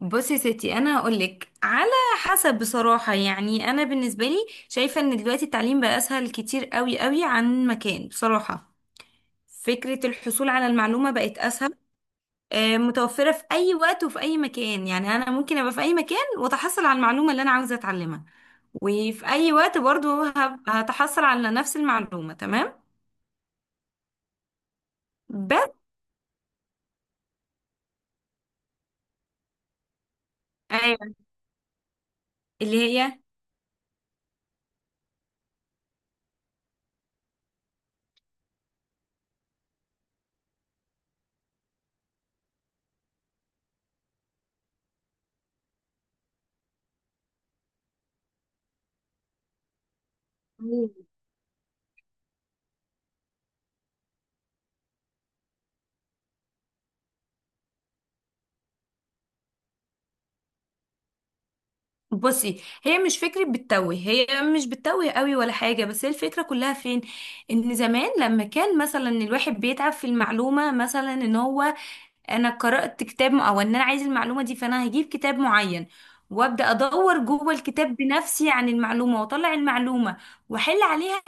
بصي يا ستي، انا هقولك على حسب. بصراحه يعني انا بالنسبه لي شايفه ان دلوقتي التعليم بقى اسهل كتير قوي قوي عن مكان، بصراحه. فكره الحصول على المعلومه بقت اسهل، متوفره في اي وقت وفي اي مكان. يعني انا ممكن ابقى في اي مكان واتحصل على المعلومه اللي انا عاوزه اتعلمها، وفي اي وقت برضو هتحصل على نفس المعلومه. تمام. بس ايوه. اللي هي بصي هي مش فكرة بتتوه. هي مش بتتوه قوي ولا حاجة، بس هي الفكرة كلها فين؟ ان زمان لما كان مثلا الواحد بيتعب في المعلومة، مثلا ان هو انا قرأت كتاب او ان انا عايز المعلومة دي، فانا هجيب كتاب معين وابدا ادور جوه الكتاب بنفسي عن المعلومة واطلع المعلومة واحل عليها.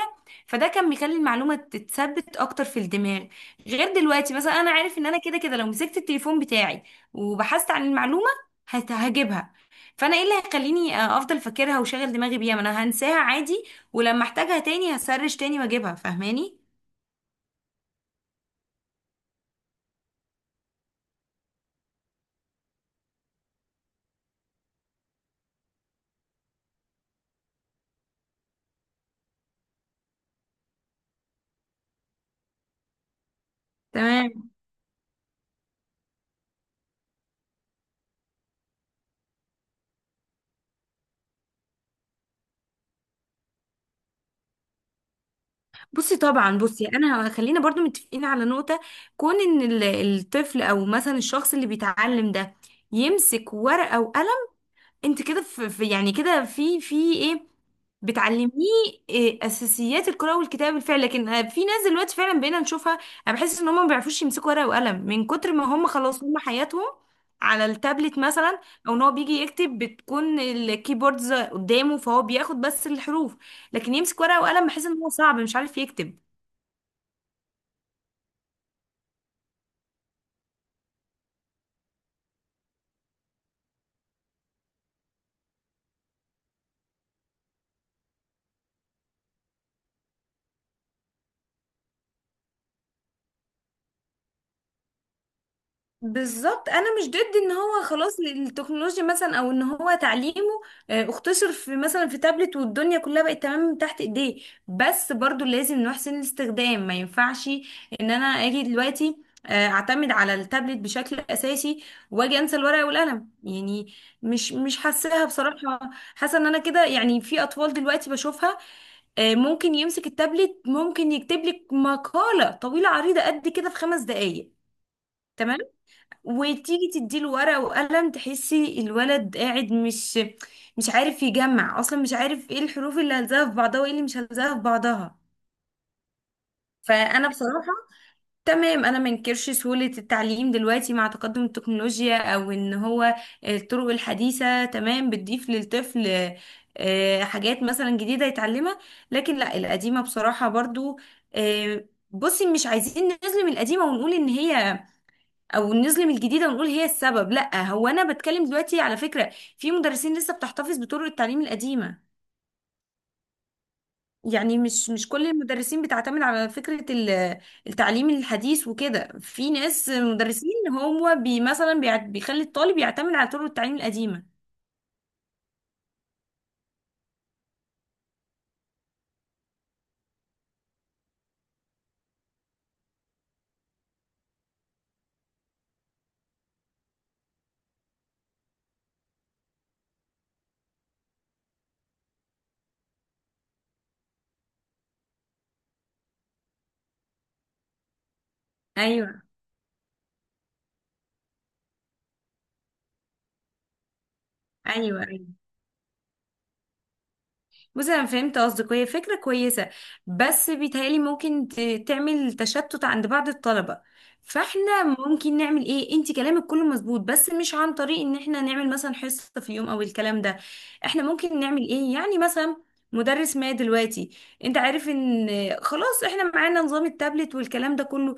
فده كان بيخلي المعلومة تتثبت اكتر في الدماغ، غير دلوقتي. مثلا انا عارف ان انا كده كده لو مسكت التليفون بتاعي وبحثت عن المعلومة هجيبها. فانا ايه اللي هيخليني افضل فاكرها وشغل دماغي بيها؟ ما انا هنساها عادي، ولما احتاجها تاني هسرش تاني واجيبها. فاهماني؟ تمام. بصي طبعا، بصي انا خلينا برضو متفقين على نقطة. كون ان الطفل او مثلا الشخص اللي بيتعلم ده يمسك ورقة وقلم، انت كده يعني كده في ايه بتعلميه. إيه اساسيات القراءة والكتابة بالفعل، لكن في ناس دلوقتي فعلا بقينا نشوفها، انا بحس ان هم ما بيعرفوش يمسكوا ورقة وقلم من كتر ما هم خلاص هم حياتهم على التابلت مثلا، او ان هو بيجي يكتب بتكون الكيبوردز قدامه فهو بياخد بس الحروف، لكن يمسك ورقة وقلم بحس ان هو صعب، مش عارف يكتب. بالظبط، انا مش ضد ان هو خلاص التكنولوجيا مثلا، او ان هو تعليمه اختصر في مثلا في تابلت والدنيا كلها بقت تمام من تحت ايديه، بس برضو لازم نحسن الاستخدام. ما ينفعش ان انا اجي دلوقتي اعتمد على التابلت بشكل اساسي واجي انسى الورقه والقلم، يعني مش حاساها بصراحه. حاسه ان انا كده، يعني في اطفال دلوقتي بشوفها ممكن يمسك التابلت، ممكن يكتب لك مقاله طويله عريضه قد كده في 5 دقائق، وتيجي تديله ورقة وقلم تحسي الولد قاعد، مش عارف يجمع اصلا، مش عارف ايه الحروف اللي هلزقها في بعضها وايه اللي مش هلزقها في بعضها. فانا بصراحة تمام، انا منكرش سهولة التعليم دلوقتي مع تقدم التكنولوجيا، او ان هو الطرق الحديثة تمام بتضيف للطفل حاجات مثلا جديدة يتعلمها، لكن لا القديمة بصراحة برضو. آه، بصي مش عايزين نظلم القديمة ونقول ان هي، او نظلم الجديده ونقول هي السبب. لا، هو انا بتكلم دلوقتي على فكره في مدرسين لسه بتحتفظ بطرق التعليم القديمه. يعني مش كل المدرسين بتعتمد على فكره التعليم الحديث وكده. في ناس مدرسين، هو مثلا بيخلي الطالب يعتمد على طرق التعليم القديمه. ايوه، ايوه. بصي انا فهمت قصدك، هي فكره كويسه، بس بيتهيألي ممكن تعمل تشتت عند بعض الطلبه. فاحنا ممكن نعمل ايه؟ انت كلامك كله مظبوط، بس مش عن طريق ان احنا نعمل مثلا حصه في يوم او الكلام ده. احنا ممكن نعمل ايه يعني؟ مثلا مدرس ما دلوقتي، انت عارف ان خلاص احنا معانا نظام التابلت والكلام ده كله،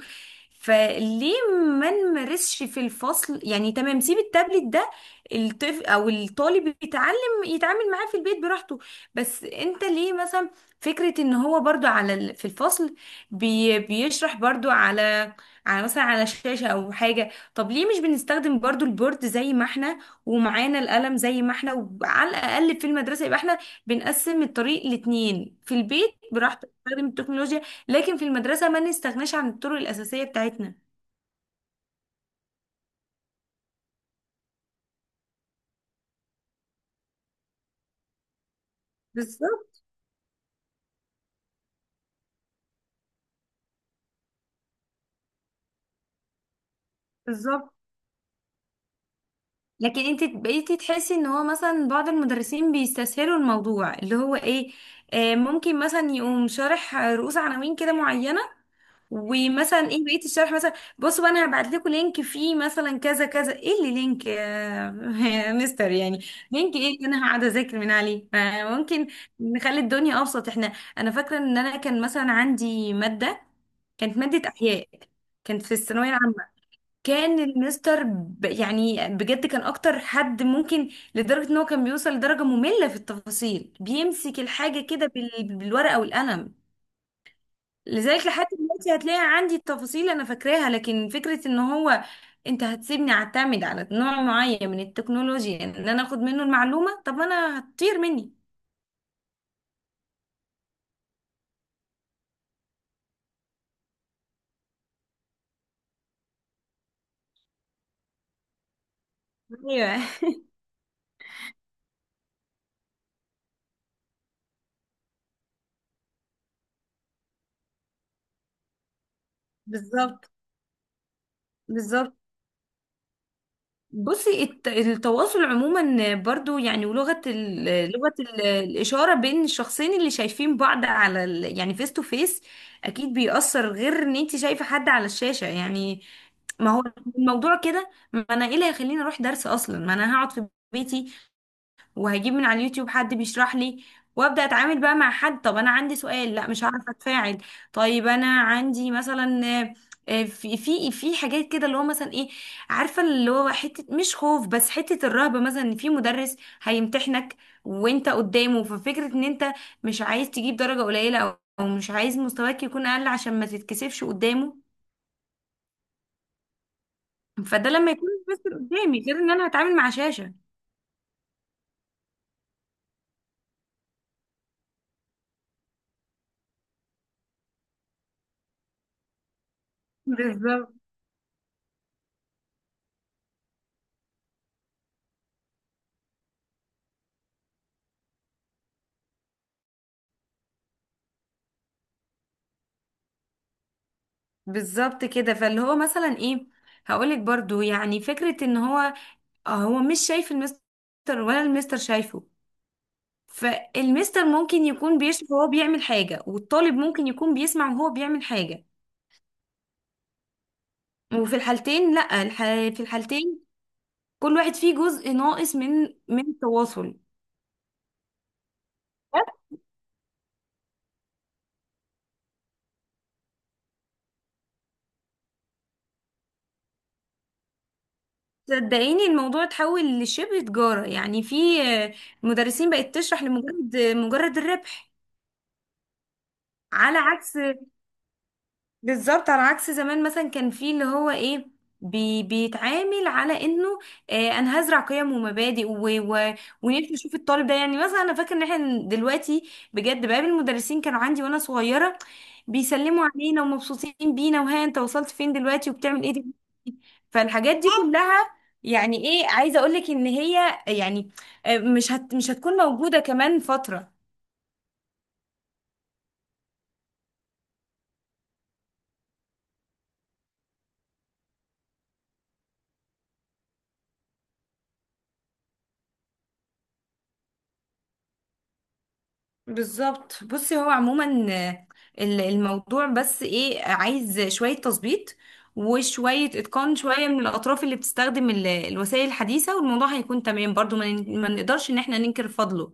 فليه ما نمارسش في الفصل؟ يعني تمام، سيب التابلت ده الطفل او الطالب يتعلم يتعامل معاه في البيت براحته، بس انت ليه مثلا؟ فكرة ان هو برضو على في الفصل بيشرح برضو على مثلا على شاشة او حاجة، طب ليه مش بنستخدم برضو البورد زي ما احنا، ومعانا القلم زي ما احنا؟ وعلى الاقل في المدرسة يبقى احنا بنقسم الطريق لاتنين. في البيت براحتك تستخدم التكنولوجيا، لكن في المدرسة ما نستغناش عن الطرق الأساسية بتاعتنا. بالظبط. بالظبط. لكن انت بقيتي تحسي ان هو مثلا بعض المدرسين بيستسهلوا الموضوع اللي هو ايه. آه ممكن مثلا يقوم شارح رؤوس عناوين كده معينة، ومثلا ايه بقيت الشرح مثلا بصوا بقى، انا هبعت لكم لينك فيه مثلا كذا كذا. ايه اللي لينك يا يا مستر؟ يعني لينك ايه اللي انا هقعد اذاكر من عليه؟ ممكن نخلي الدنيا ابسط. احنا انا فاكرة ان انا كان مثلا عندي مادة، كانت مادة احياء، كانت في الثانوية العامة. كان المستر يعني بجد كان اكتر حد ممكن، لدرجة ان هو كان بيوصل لدرجة مملة في التفاصيل. بيمسك الحاجة كده بالورقة والقلم، لذلك لحد دلوقتي هتلاقي عندي التفاصيل انا فاكراها، لكن فكرة ان هو انت هتسيبني اعتمد على نوع معين من التكنولوجيا ان انا اخد منه المعلومة، طب انا هتطير مني. ايوه بالظبط. بالظبط. بصي التواصل عموما برضو يعني، ولغة الإشارة بين الشخصين اللي شايفين بعض على يعني فيس تو فيس، أكيد بيأثر، غير إن أنت شايفة حد على الشاشة يعني. ما هو الموضوع كده، ما أنا إيه اللي هيخليني أروح درس أصلا؟ ما أنا هقعد في بيتي وهجيب من على اليوتيوب حد بيشرح لي، وابدا اتعامل بقى مع حد. طب انا عندي سؤال، لا مش هعرف اتفاعل. طيب انا عندي مثلا في حاجات كده اللي هو مثلا ايه، عارفه اللي هو حته مش خوف بس حته الرهبه مثلا. ان في مدرس هيمتحنك وانت قدامه، ففكره ان انت مش عايز تجيب درجه قليله، او أو مش عايز مستواك يكون اقل عشان ما تتكسفش قدامه. فده لما يكون بس قدامي، غير ان انا هتعامل مع شاشه. بالظبط. بالظبط كده. فاللي هو مثلا ايه، هقولك برضو يعني فكرة ان هو هو مش شايف المستر ولا المستر شايفه، فالمستر ممكن يكون بيشوف وهو بيعمل حاجة، والطالب ممكن يكون بيسمع وهو بيعمل حاجة. وفي الحالتين لا في الحالتين كل واحد فيه جزء ناقص من التواصل. صدقيني الموضوع اتحول لشبه تجارة. يعني في مدرسين بقت تشرح لمجرد مجرد الربح. على عكس، بالظبط على عكس زمان مثلا كان فيه اللي هو ايه، بيتعامل على انه آه انا هزرع قيم ومبادئ و و ونفسي اشوف الطالب ده. يعني مثلا انا فاكر ان احنا دلوقتي بجد بقابل المدرسين كانوا عندي وانا صغيره، بيسلموا علينا ومبسوطين بينا، وها انت وصلت فين دلوقتي وبتعمل ايه دلوقتي. فالحاجات دي كلها يعني ايه عايزه اقولك ان هي يعني مش هتكون موجوده كمان فتره. بالظبط. بصي هو عموما الموضوع بس ايه عايز شوية تظبيط، وشوية اتقان، شوية من الأطراف اللي بتستخدم الوسائل الحديثة، والموضوع هيكون تمام. برضو ما نقدرش ان احنا ننكر فضله.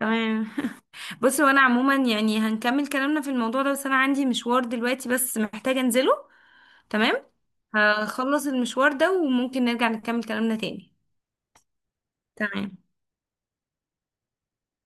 تمام. بصي وانا عموما يعني هنكمل كلامنا في الموضوع ده، بس انا عندي مشوار دلوقتي بس محتاجة انزله. تمام. هخلص المشوار ده وممكن نرجع نكمل كلامنا تاني. تمام.